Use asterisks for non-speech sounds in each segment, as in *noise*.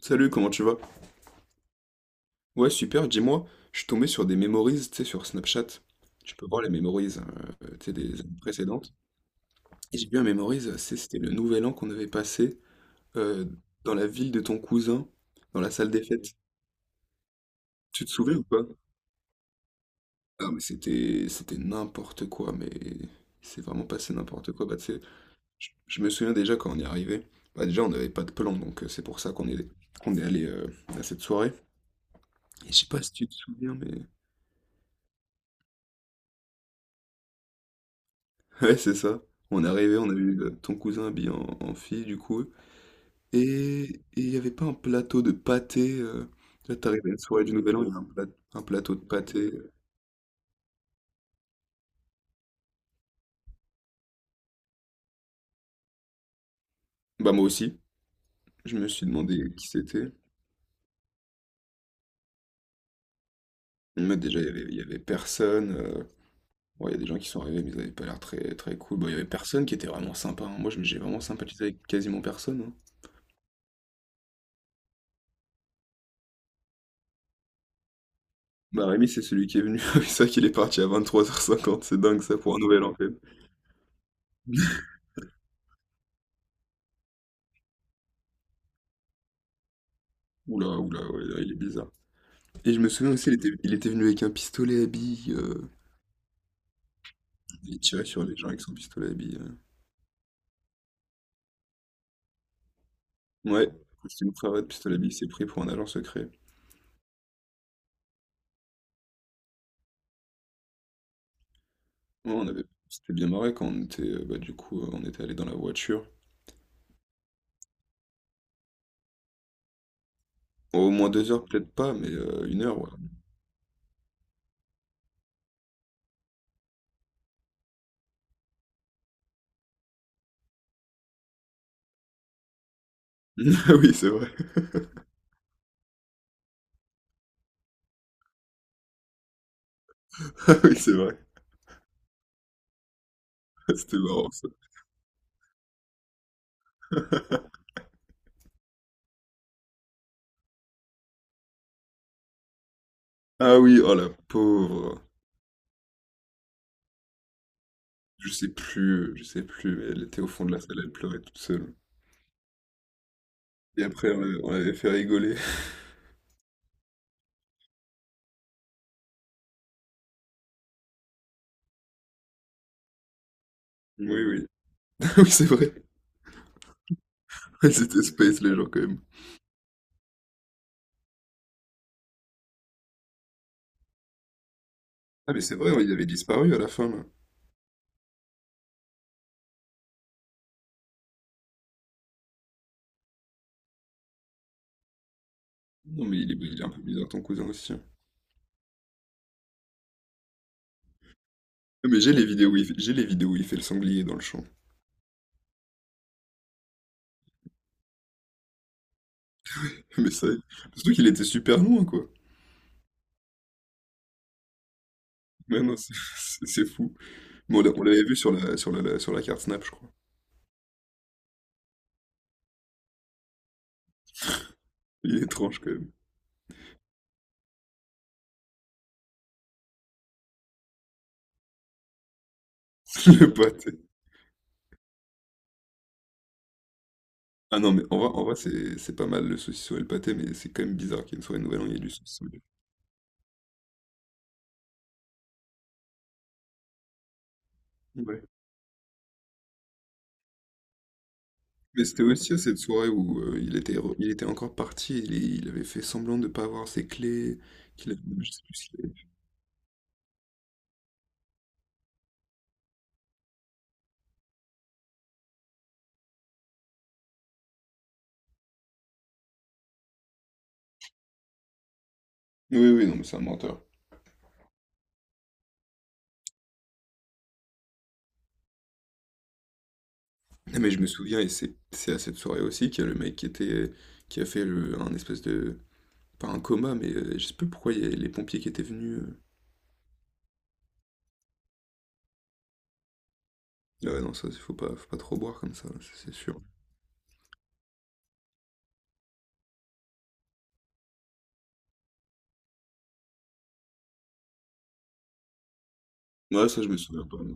Salut, comment tu vas? Ouais, super, dis-moi, je suis tombé sur des memories, tu sais, sur Snapchat. Tu peux voir les memories, tu sais, des années précédentes. Et j'ai vu un memories, c'était le nouvel an qu'on avait passé euh, dans la ville de ton cousin, dans la salle des fêtes. Tu te souviens ou pas? Ah, mais c'était n'importe quoi, mais c'est vraiment passé n'importe quoi. Bah, tu sais, je me souviens déjà quand on est arrivé. Bah, déjà, on n'avait pas de plan, donc c'est pour ça qu'on est allé à cette soirée. Et je sais pas si tu te souviens, mais. *laughs* Ouais, c'est ça. On est arrivé, on a vu ton cousin habillé en fille, du coup. Et et il n'y avait pas un plateau de pâté. Là, t'arrives à une soirée du Nouvel An, il y a un plateau de pâté. Bah, moi aussi. Je me suis demandé qui c'était. Mais déjà, il y avait personne. Bon, il y a des gens qui sont arrivés, mais ils n'avaient pas l'air très, très cool. Bon, il y avait personne qui était vraiment sympa, hein. Moi, j'ai vraiment sympathisé avec quasiment personne, hein. Bah, Rémi, c'est celui qui est venu. *laughs* C'est ça qu'il est parti à 23h50. C'est dingue, ça, pour un nouvel an, quand même. *laughs* Oula, oula, ouais, là, il est bizarre. Et je me souviens aussi, il était venu avec un pistolet à billes. Il tirait sur les gens avec son pistolet à billes. Ouais, c'était une frère de pistolet à billes, c'est pris pour un agent secret. Ouais, on avait... C'était bien marré quand on était, bah, du coup, on était allé dans la voiture. Au moins 2 heures, peut-être pas, mais 1 heure, ouais. *laughs* Ah oui, c'est vrai. *laughs* Ah oui, c'est vrai. *laughs* C'était marrant, ça. *laughs* Ah oui, oh la pauvre. Je sais plus, mais elle était au fond de la salle, elle pleurait toute seule. Et après, on l'avait fait rigoler. *laughs* Oui, oui. *laughs* Oui, c'est vrai. *laughs* C'était space, les gens, quand même. Ah mais c'est vrai, ouais, il avait disparu à la fin là. Non mais il est un peu bizarre ton cousin aussi, hein. Ah, mais j'ai les vidéos où il fait le sanglier dans le champ. *laughs* Mais ça, surtout qu'il était super loin quoi. Mais non, c'est *laughs* c'est fou. Mais on l'avait vu sur la, sur la carte Snap, je crois. Il est étrange quand même. *laughs* Le pâté. Ah non mais en vrai c'est pas mal le saucisson et le pâté, mais c'est quand même bizarre qu'il y ait une soirée de Nouvel An, il y ait du saucisson. Et Ouais. Mais c'était aussi à cette soirée où il était encore parti, il avait fait semblant de ne pas avoir ses clés, qu'il avait, je sais plus ce qu'il Oui, oui, non, mais c'est un menteur. Mais je me souviens, et c'est à cette soirée aussi, qu'il y a le mec qui était, qui a fait un espèce de, pas un coma, mais je sais plus pourquoi il y a les pompiers qui étaient venus. Ah ouais, non, ça, faut pas trop boire comme ça, c'est sûr. Ouais, ça, je me souviens pas, non.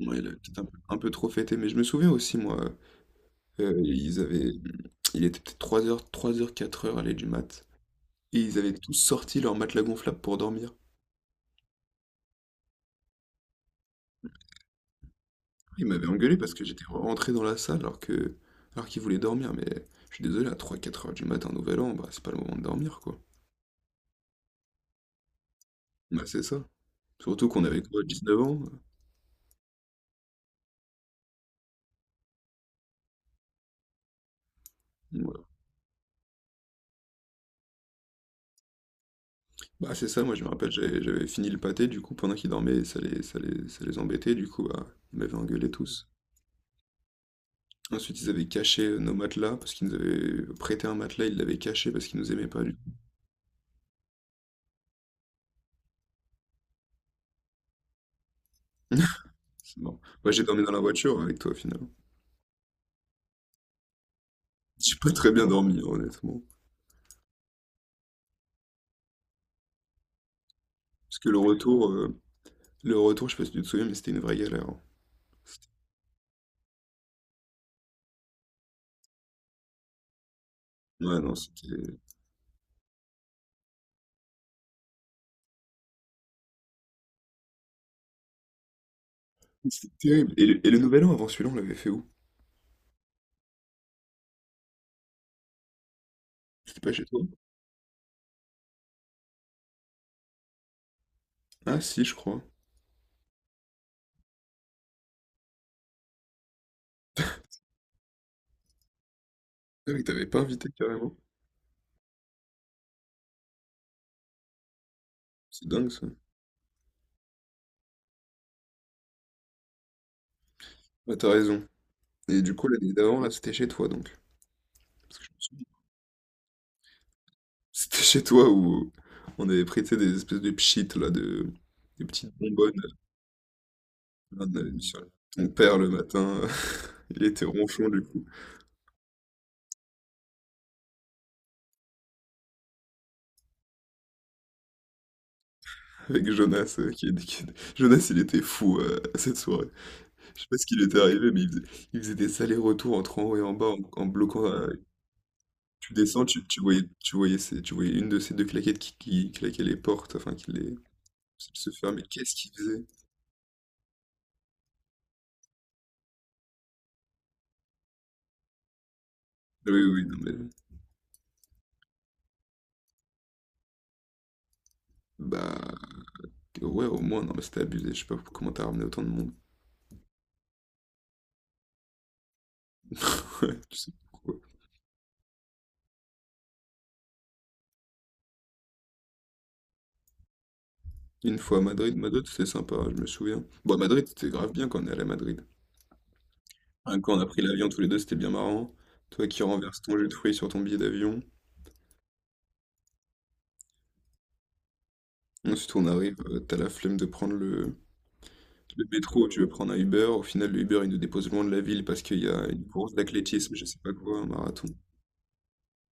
Ouais, il a peut-être un peu trop fêté, mais je me souviens aussi, moi, ils avaient, il était peut-être trois heures quatre heures à l'aller du mat, et ils avaient tous sorti leur matelas gonflable pour dormir. Il m'avait engueulé parce que j'étais rentré dans la salle alors qu'il voulait dormir, mais je suis désolé, à trois quatre heures du matin, Nouvel An, bah, c'est pas le moment de dormir, quoi. Bah, c'est ça. Surtout qu'on avait quoi, 19 ans? Voilà. Bah, c'est ça, moi je me rappelle, j'avais fini le pâté, du coup, pendant qu'ils dormaient, ça les embêtait, du coup, bah, ils m'avaient engueulé tous. Ensuite, ils avaient caché nos matelas, parce qu'ils nous avaient prêté un matelas, ils l'avaient caché parce qu'ils nous aimaient pas, du coup. *laughs* C'est marrant. Moi, j'ai dormi dans la voiture avec toi, finalement. J'ai pas très bien dormi, honnêtement. Parce que le retour, je sais pas si tu te souviens, mais c'était une vraie galère, hein. Ouais, non, c'était terrible. Et le nouvel an avant celui-là, on l'avait fait où? C'était pas chez toi? Ah, si, je crois. Ah oui, t'avais pas invité carrément. C'est dingue ça. Ah, t'as raison. Et du coup, l'année d'avant, là, c'était chez toi donc. Parce que je me souviens. *laughs* C'était chez toi où on avait pris, tu sais, des espèces de pchites, là, de... des petites bonbonnes, là. On avait mis sur ton père le matin, *laughs* il était ronchon du coup, avec Jonas, qui Jonas, il était fou, à cette soirée. Je sais pas ce qui lui était arrivé, mais il faisait des allers-retours entre en haut et en bas en bloquant. Tu descends, tu voyais, tu voyais une de ces deux claquettes qui claquait les portes, enfin qui se fermait. Qu'est-ce qu'il faisait? Ah oui, oui, oui, non mais bah ouais, au moins non mais c'était abusé. Je sais pas comment t'as ramené autant de monde. *laughs* Ouais, tu sais pourquoi. Une fois à Madrid, Madrid c'était sympa, je me souviens. Bon, à Madrid c'était grave bien quand on est allé à Madrid. Hein, quand on a pris l'avion tous les deux, c'était bien marrant. Toi qui renverses ton jus de fruits sur ton billet d'avion. Ensuite, on arrive, t'as la flemme de prendre le métro, tu veux prendre un Uber, au final le Uber il nous dépose loin de la ville parce qu'il y a une course d'athlétisme, je sais pas quoi, un marathon.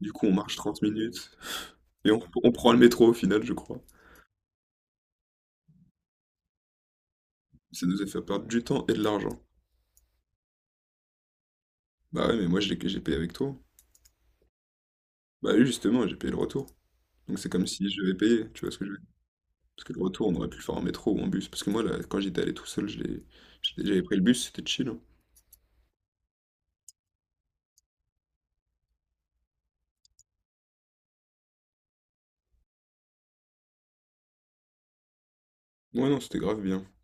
Du coup on marche 30 minutes et on prend le métro au final je crois. Ça nous a fait perdre du temps et de l'argent. Bah ouais mais moi j'ai payé avec toi. Bah lui justement j'ai payé le retour. Donc c'est comme si je vais payer, tu vois ce que je veux dire. Parce que le retour on aurait pu le faire en métro ou en bus. Parce que moi là, quand j'étais allé tout seul, j'avais pris le bus, c'était chill, hein. Ouais non c'était grave bien. En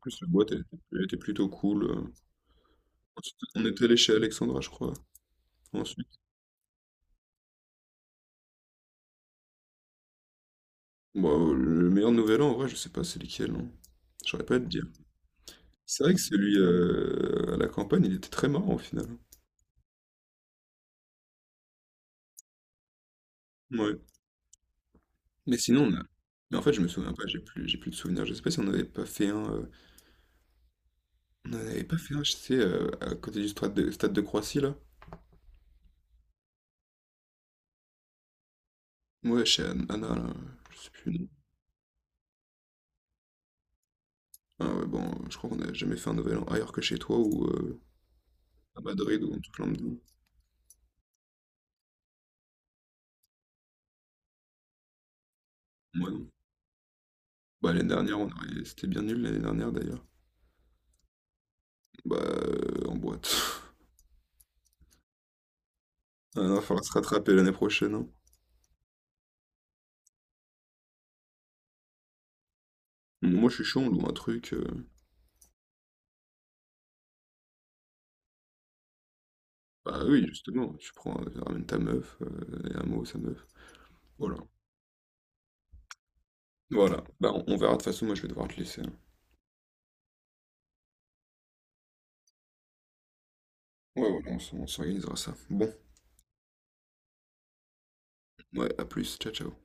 plus la boîte elle était plutôt cool. On était allé chez Alexandra je crois. Ensuite. Bah, le meilleur nouvel an, en vrai, je sais pas c'est lequel, hein. Je saurais pas te dire. C'est vrai que celui à la campagne, il était très marrant au final. Ouais. Mais sinon, on a... Mais en fait, je me souviens pas, j'ai plus de souvenirs. Je sais pas si on n'avait pas fait un... On n'en avait pas fait un, je sais, à côté du stade de Croissy, là. Ouais, chez Anna, là. Je sais plus. Non. Ah ouais, bon, je crois qu'on n'a jamais fait un nouvel an ailleurs que chez toi ou à Madrid ou en tout plein de... Ouais, non. Bah, l'année dernière, on a... c'était bien nul l'année dernière, d'ailleurs. Bah, en boîte. *laughs* Ah non, faudra se rattraper l'année prochaine, hein. Moi, je suis chaud, on loue un truc. Bah oui, justement, tu prends, ramène ta meuf, et un mot, sa meuf. Voilà. Voilà. Bah, on verra. De toute façon, moi, je vais devoir te laisser, hein. Ouais, voilà, on s'organisera ça. Bon, ouais, à plus. Ciao, ciao.